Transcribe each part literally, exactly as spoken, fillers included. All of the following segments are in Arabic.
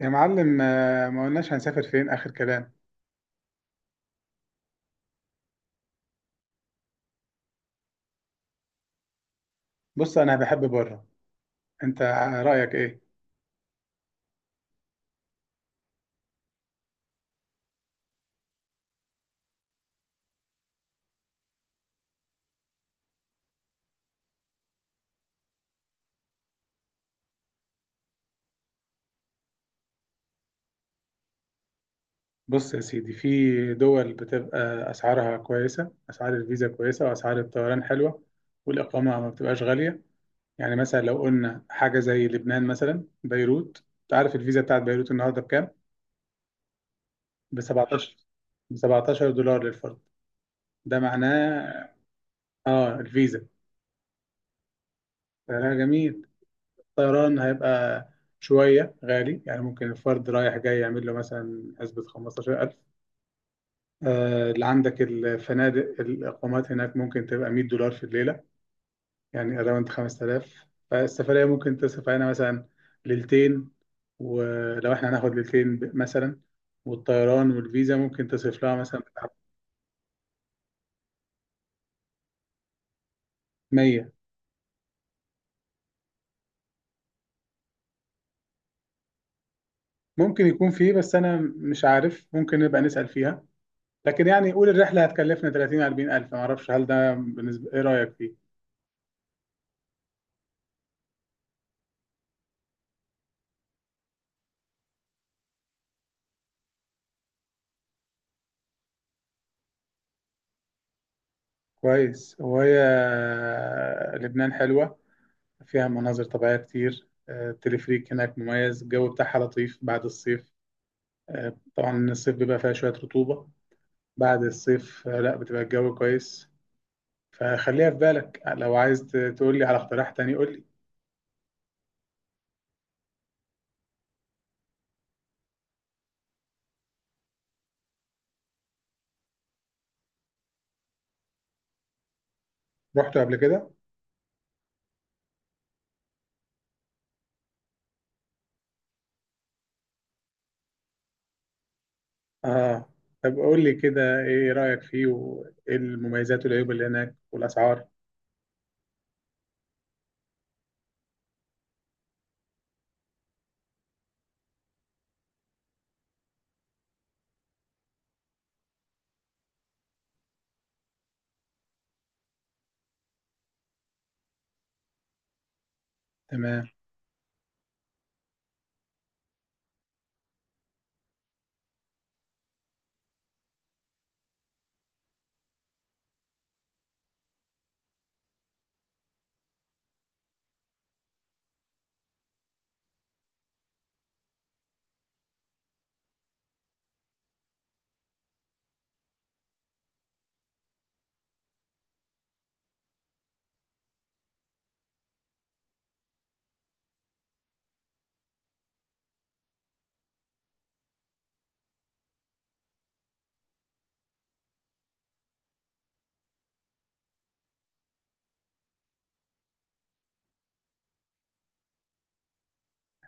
يا معلم آه، ما قلناش هنسافر فين آخر كلام. بص أنا بحب بره. أنت رأيك إيه؟ بص يا سيدي، في دول بتبقى أسعارها كويسة، أسعار الفيزا كويسة، وأسعار الطيران حلوة، والإقامة ما بتبقاش غالية. يعني مثلا لو قلنا حاجة زي لبنان، مثلا بيروت. أنت عارف الفيزا بتاعت بيروت النهاردة بكام؟ ب سبعتاشر، ب سبعتاشر دولار للفرد. ده معناه… آه الفيزا. ده جميل. الطيران هيبقى شوية غالي، يعني ممكن الفرد رايح جاي يعمل له مثلا حسبة خمسة عشر ألف. آه، اللي عندك الفنادق، الإقامات هناك، ممكن تبقى مائة دولار في الليلة، يعني أراوند خمسة آلاف. فالسفرية ممكن تصرف علينا مثلا ليلتين. ولو احنا هناخد ليلتين ب- مثلا، والطيران والفيزا ممكن تصرف لها مثلا بتاع مائة. ممكن يكون فيه، بس أنا مش عارف، ممكن نبقى نسأل فيها. لكن يعني قول الرحلة هتكلفنا تلاتين أربعين ألف، معرفش، هل ده بالنسبة إيه رأيك فيه؟ كويس. وهي آه، لبنان حلوة، فيها مناظر طبيعية كتير. آه، التلفريك هناك مميز، الجو بتاعها لطيف بعد الصيف. آه، طبعا الصيف بيبقى فيها شوية رطوبة، بعد الصيف آه، لا بتبقى الجو كويس. فخليها في بالك، لو عايز ت- تقول لي على اقتراح تاني قول لي. رحته قبل كده؟ اه. طب قول لي كده، ايه رأيك فيه، وايه المميزات والعيوب اللي هناك والأسعار. تمام.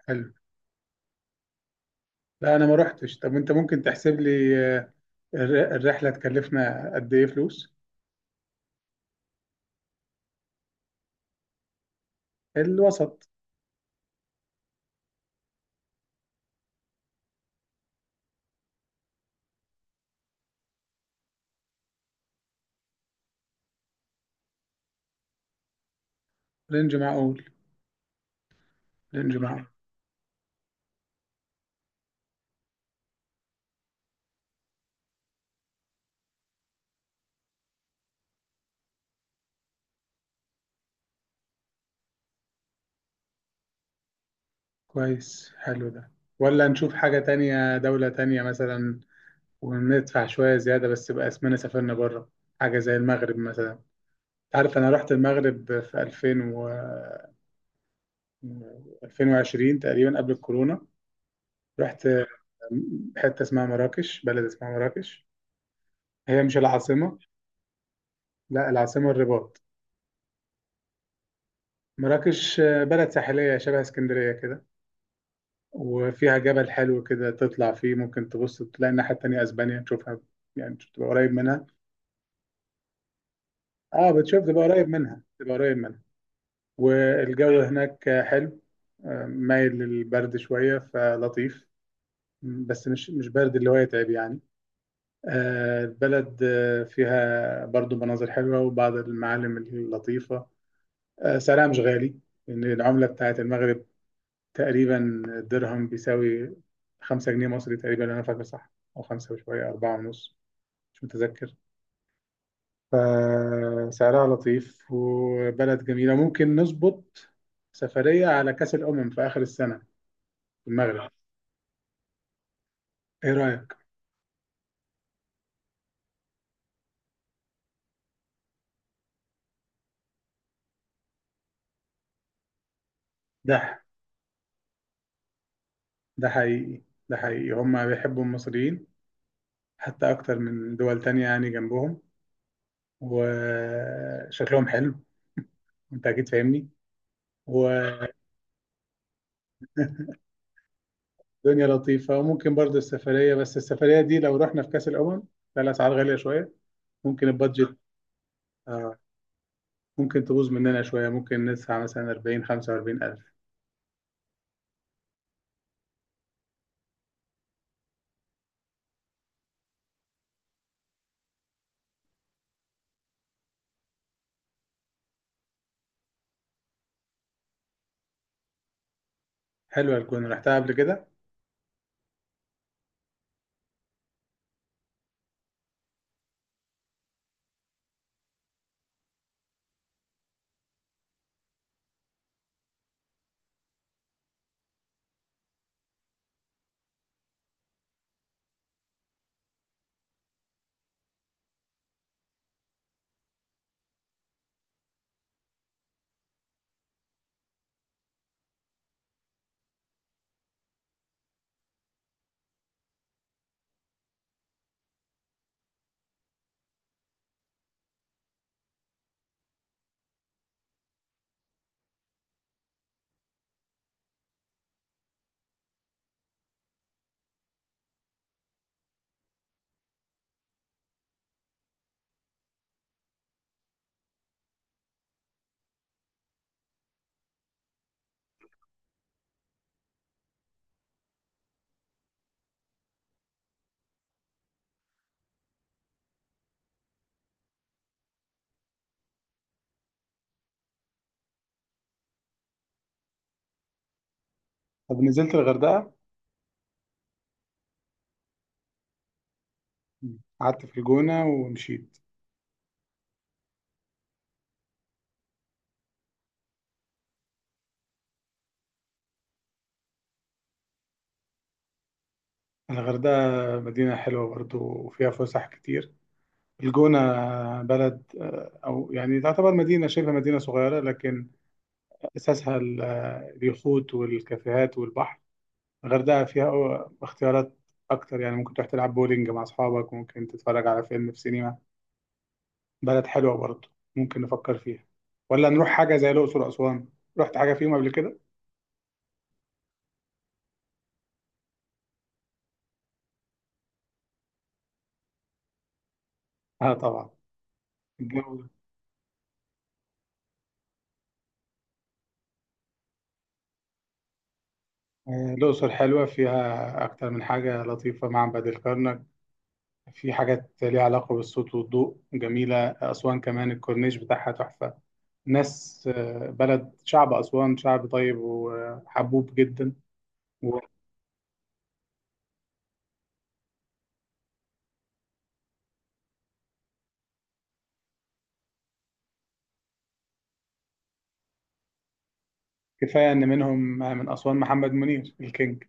حلو. لا، انا ما رحتش. طب انت ممكن تحسب لي، آه، الر- الرحلة تكلفنا قد ايه فلوس؟ الوسط. رينج معقول. رينج معقول. كويس، حلو ده. ولا نشوف حاجة تانية، دولة تانية مثلا، وندفع شوية زيادة بس يبقى اسمنا سافرنا بره؟ حاجة زي المغرب مثلا. أنت عارف أنا رحت المغرب في ألفين و ألفين وعشرين تقريبا قبل الكورونا. رحت حتة اسمها مراكش، بلد اسمها مراكش، هي مش العاصمة. لا، العاصمة الرباط. مراكش بلد ساحلية شبه اسكندرية كده، وفيها جبل حلو كده تطلع فيه، ممكن تبص تلاقي الناحية التانية أسبانيا تشوفها، يعني تبقى قريب منها. اه، بتشوف، تبقى قريب منها تبقى قريب منها. والجو هناك حلو. آه، مايل للبرد شوية فلطيف، بس مش مش برد اللي هو يتعب يعني. آه، البلد آه، فيها برضو مناظر حلوة وبعض المعالم اللطيفة. آه، سعرها مش غالي، لأن العملة بتاعت المغرب تقريبا، الدرهم بيساوي خمسة جنيه مصري تقريبا، أنا فاكر صح، أو خمسة وشوية، أربعة ونص، مش متذكر. فسعرها لطيف وبلد جميلة، ممكن نظبط سفرية على كأس الأمم في آخر السنة في المغرب. إيه رأيك؟ ده ده حقيقي. ده حقيقي، هما بيحبوا المصريين حتى أكتر من دول تانية يعني جنبهم، وشكلهم حلو، أنت أكيد فاهمني. والدنيا لطيفة. وممكن برضه السفرية، بس السفرية دي لو رحنا في كأس الأمم، لا، الأسعار غالية شوية، ممكن البادجت… آه، ممكن تبوظ مننا شوية، ممكن ندفع مثلا أربعين خمسة وأربعين ألف. حلوة الجونة، رحتها قبل كده. طب نزلت الغردقة، قعدت في الجونة ومشيت؟ الغردقة مدينة حلوة برضو وفيها فسح كتير. الجونة بلد، آه، أو يعني تعتبر مدينة شبه مدينة صغيرة، لكن أساسها ال- آه، اليخوت والكافيهات والبحر. الغردقة فيها أو- اختيارات أكتر، يعني ممكن تروح تلعب بولينج مع أصحابك، ممكن تتفرج على فيلم في سينما. بلد حلوة برضو، ممكن نفكر فيها. ولا نروح حاجة زي الأقصر وأسوان؟ رحت حاجة فيهم قبل كده؟ آه طبعا. الجو آه، الأقصر حلوة، فيها أكتر من حاجة لطيفة، معبد الكرنك، في حاجات ليها علاقة بالصوت والضوء جميلة. أسوان كمان، الكورنيش بتاعها تحفة، ناس، آه، بلد، شعب أسوان شعب طيب وحبوب جدا. وكفاية إن منهم، آه، من أسوان محمد منير الكينج.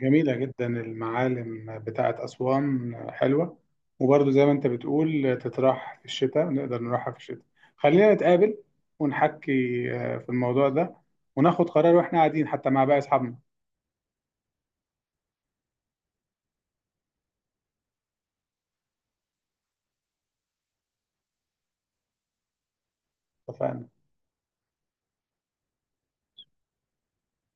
جميلة جدا المعالم بتاعة أسوان حلوة، وبرضه زي ما أنت بتقول تتراح في الشتاء، نقدر نروحها في الشتاء. خلينا نتقابل ونحكي آه، في الموضوع ده، وناخد قرار وإحنا قاعدين حتى مع باقي أصحابنا. اتفقنا.